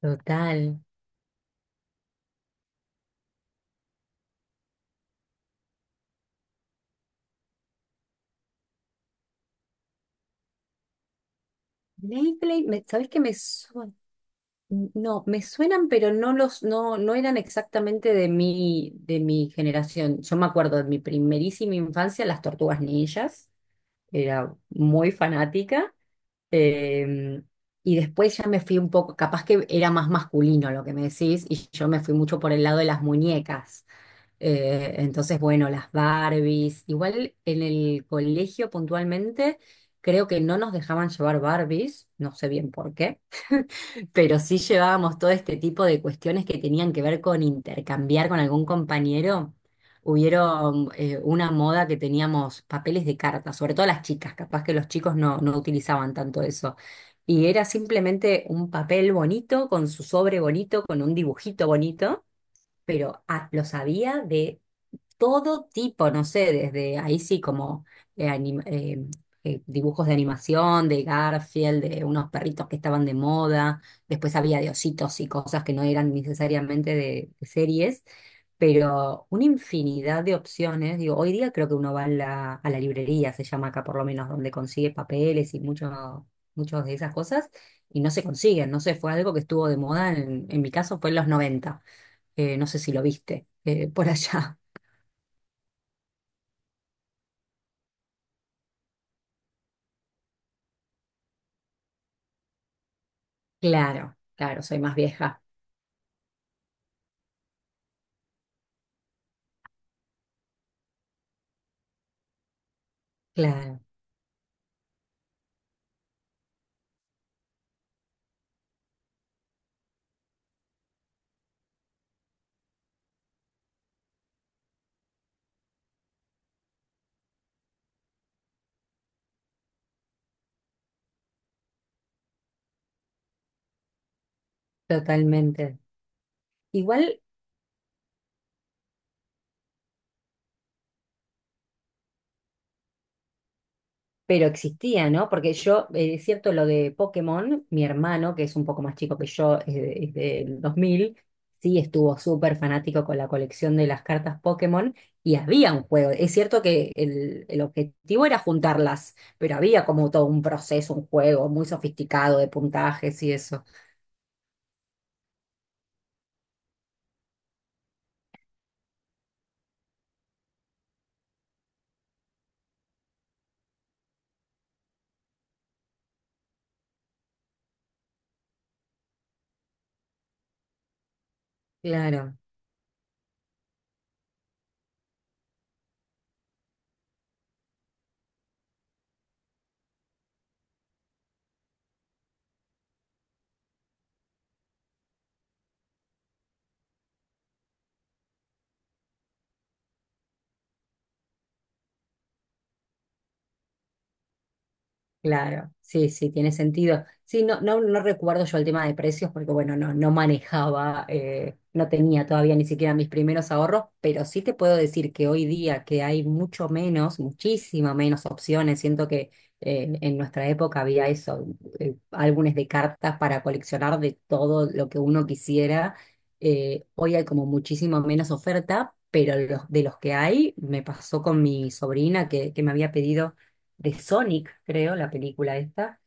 Total. Beyblade, ¿sabes qué me suena? No, me suenan, pero no los, no, no eran exactamente de de mi generación. Yo me acuerdo de mi primerísima infancia, las Tortugas Ninjas. Era muy fanática. eh, y después ya me fui un poco, capaz que era más masculino lo que me decís, y yo me fui mucho por el lado de las muñecas. Entonces, bueno, las Barbies. Igual en el colegio puntualmente creo que no nos dejaban llevar Barbies, no sé bien por qué, pero sí llevábamos todo este tipo de cuestiones que tenían que ver con intercambiar con algún compañero. Hubieron una moda que teníamos papeles de cartas, sobre todo las chicas, capaz que los chicos no utilizaban tanto eso. Y era simplemente un papel bonito, con su sobre bonito, con un dibujito bonito, pero los había de todo tipo, no sé, desde ahí sí como eh, anim- eh, dibujos de animación, de Garfield, de unos perritos que estaban de moda. Después había de ositos y cosas que no eran necesariamente de series, pero una infinidad de opciones. Digo, hoy día creo que uno va a a la librería, se llama acá por lo menos, donde consigue papeles y muchas de esas cosas. Y no se consiguen, no sé, fue algo que estuvo de moda, en mi caso fue en los 90. No sé si lo viste por allá. Claro, claro, soy más vieja. Claro, totalmente. Igual, pero existía, ¿no? Porque yo, es cierto lo de Pokémon. Mi hermano, que es un poco más chico que yo, es del 2000, sí estuvo súper fanático con la colección de las cartas Pokémon, y había un juego. Es cierto que el objetivo era juntarlas, pero había como todo un proceso, un juego muy sofisticado de puntajes y eso. Claro. Claro, sí, sí, tiene sentido. Sí, no recuerdo yo el tema de precios porque, bueno, no manejaba, no tenía todavía ni siquiera mis primeros ahorros, pero sí te puedo decir que hoy día que hay mucho menos, muchísima menos opciones. Siento que en nuestra época había eso, álbumes de cartas para coleccionar de todo lo que uno quisiera. Hoy hay como muchísimo menos oferta, pero los, de los que hay, me pasó con mi sobrina que me había pedido de Sonic, creo, la película esta,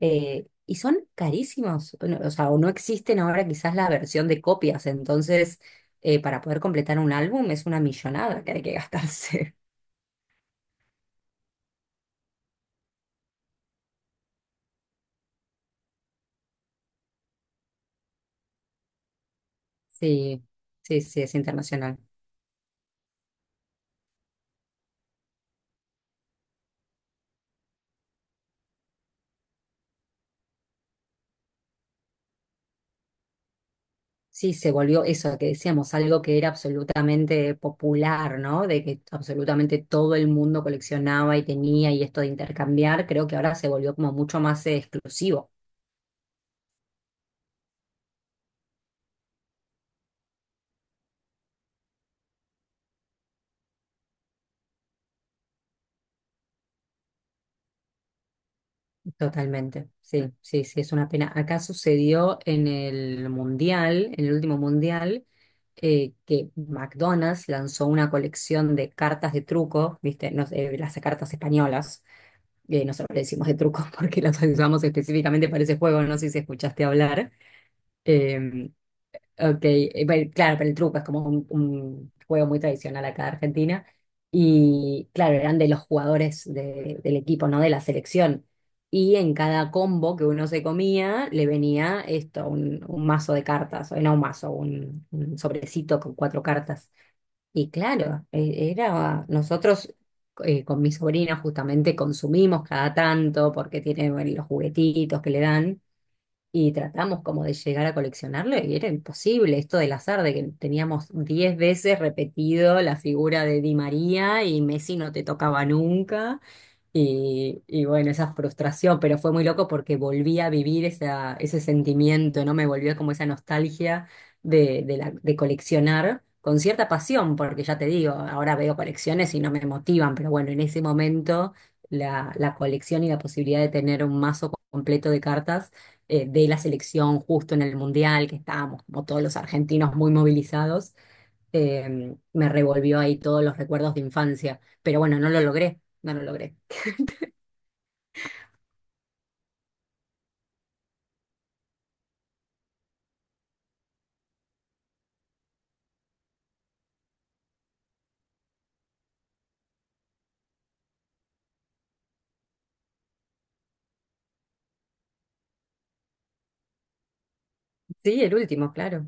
y son carísimos, o sea, o no existen ahora quizás la versión de copias, entonces para poder completar un álbum es una millonada que hay que gastarse. Sí, sí, sí, es internacional. Sí, se volvió eso que decíamos, algo que era absolutamente popular, ¿no? De que absolutamente todo el mundo coleccionaba y tenía y esto de intercambiar, creo que ahora se volvió como mucho más exclusivo. Totalmente, sí, sí, sí, es una pena. Acá sucedió en el Mundial, en el último Mundial, que McDonald's lanzó una colección de cartas de truco, ¿viste? No sé, las cartas españolas, nosotros le decimos de truco porque las usamos específicamente para ese juego, no sé si escuchaste hablar. em, Ok, bueno, claro, pero el truco es como un juego muy tradicional acá de Argentina. Y claro, eran de los jugadores del equipo, no de la selección. Y en cada combo que uno se comía, le venía esto, un mazo de cartas, o no un mazo, un sobrecito con 4 cartas. Y claro, nosotros con mi sobrina justamente consumimos cada tanto porque tiene, bueno, los juguetitos que le dan, y tratamos como de llegar a coleccionarlo, y era imposible esto del azar, de que teníamos 10 veces repetido la figura de Di María y Messi no te tocaba nunca. Y bueno, esa frustración, pero fue muy loco porque volví a vivir esa, ese sentimiento, ¿no? Me volvió como esa nostalgia de coleccionar con cierta pasión, porque ya te digo, ahora veo colecciones y no me motivan, pero bueno, en ese momento la colección y la posibilidad de tener un mazo completo de cartas de la selección justo en el Mundial, que estábamos como todos los argentinos muy movilizados, me revolvió ahí todos los recuerdos de infancia, pero bueno, no lo logré, no lo logré. Sí, el último, claro.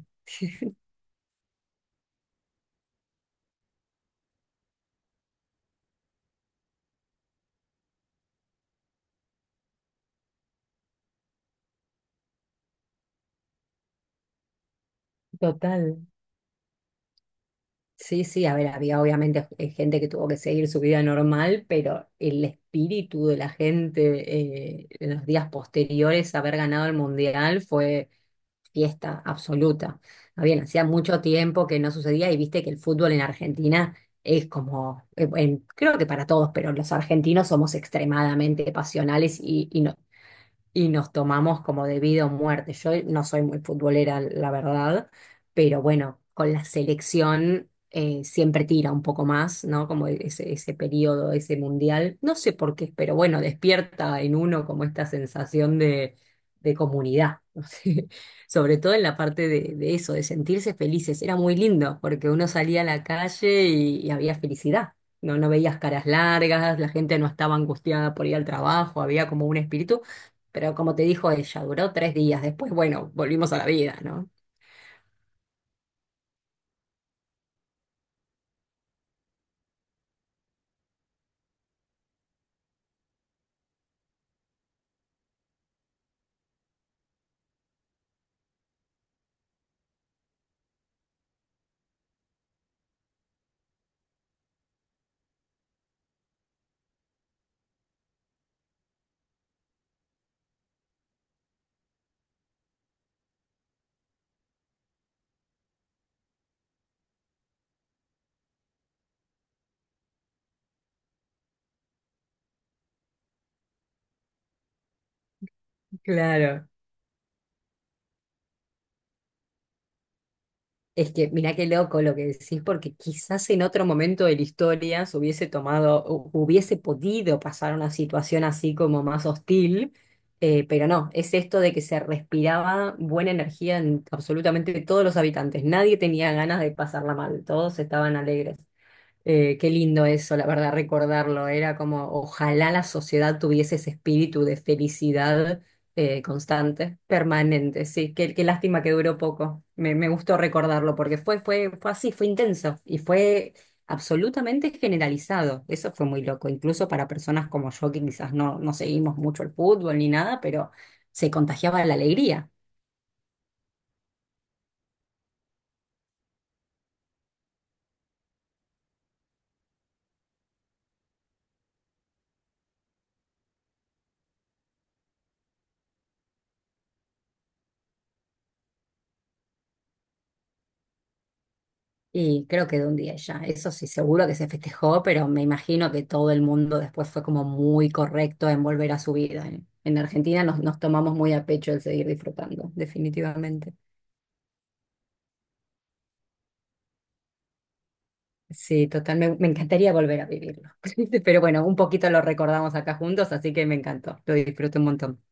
Total. Sí, sí, a ver, había obviamente gente que tuvo que seguir su vida normal, pero el espíritu de la gente en los días posteriores a haber ganado el Mundial fue fiesta absoluta. Ah, bien, hacía mucho tiempo que no sucedía, y viste que el fútbol en Argentina es como, creo que para todos, pero los argentinos somos extremadamente pasionales, y nos nos tomamos como de vida muerte. Yo no soy muy futbolera, la verdad, pero bueno, con la selección siempre tira un poco más, ¿no? Como ese periodo, ese mundial. No sé por qué, pero bueno, despierta en uno como esta sensación de comunidad, ¿no sé? Sobre todo en la parte de eso, de sentirse felices. Era muy lindo porque uno salía a la calle y había felicidad. No, no veías caras largas, la gente no estaba angustiada por ir al trabajo, había como un espíritu, pero como te dijo ella, duró 3 días. Después, bueno, volvimos a la vida, ¿no? Claro. Es que mirá qué loco lo que decís, porque quizás en otro momento de la historia se hubiese tomado, hubiese podido pasar una situación así como más hostil, pero no, es esto de que se respiraba buena energía en absolutamente todos los habitantes. Nadie tenía ganas de pasarla mal, todos estaban alegres. Qué lindo eso, la verdad, recordarlo. Era como, ojalá la sociedad tuviese ese espíritu de felicidad constante, permanente. Sí, qué, qué lástima que duró poco. Me gustó recordarlo porque fue, fue, fue así, fue intenso y fue absolutamente generalizado. Eso fue muy loco, incluso para personas como yo que quizás no, no seguimos mucho el fútbol ni nada, pero se contagiaba la alegría. Y creo que de un día ya, eso sí, seguro que se festejó, pero me imagino que todo el mundo después fue como muy correcto en volver a su vida. En Argentina nos, nos tomamos muy a pecho el seguir disfrutando, definitivamente. Sí, total, me encantaría volver a vivirlo. Pero bueno, un poquito lo recordamos acá juntos, así que me encantó, lo disfruto un montón.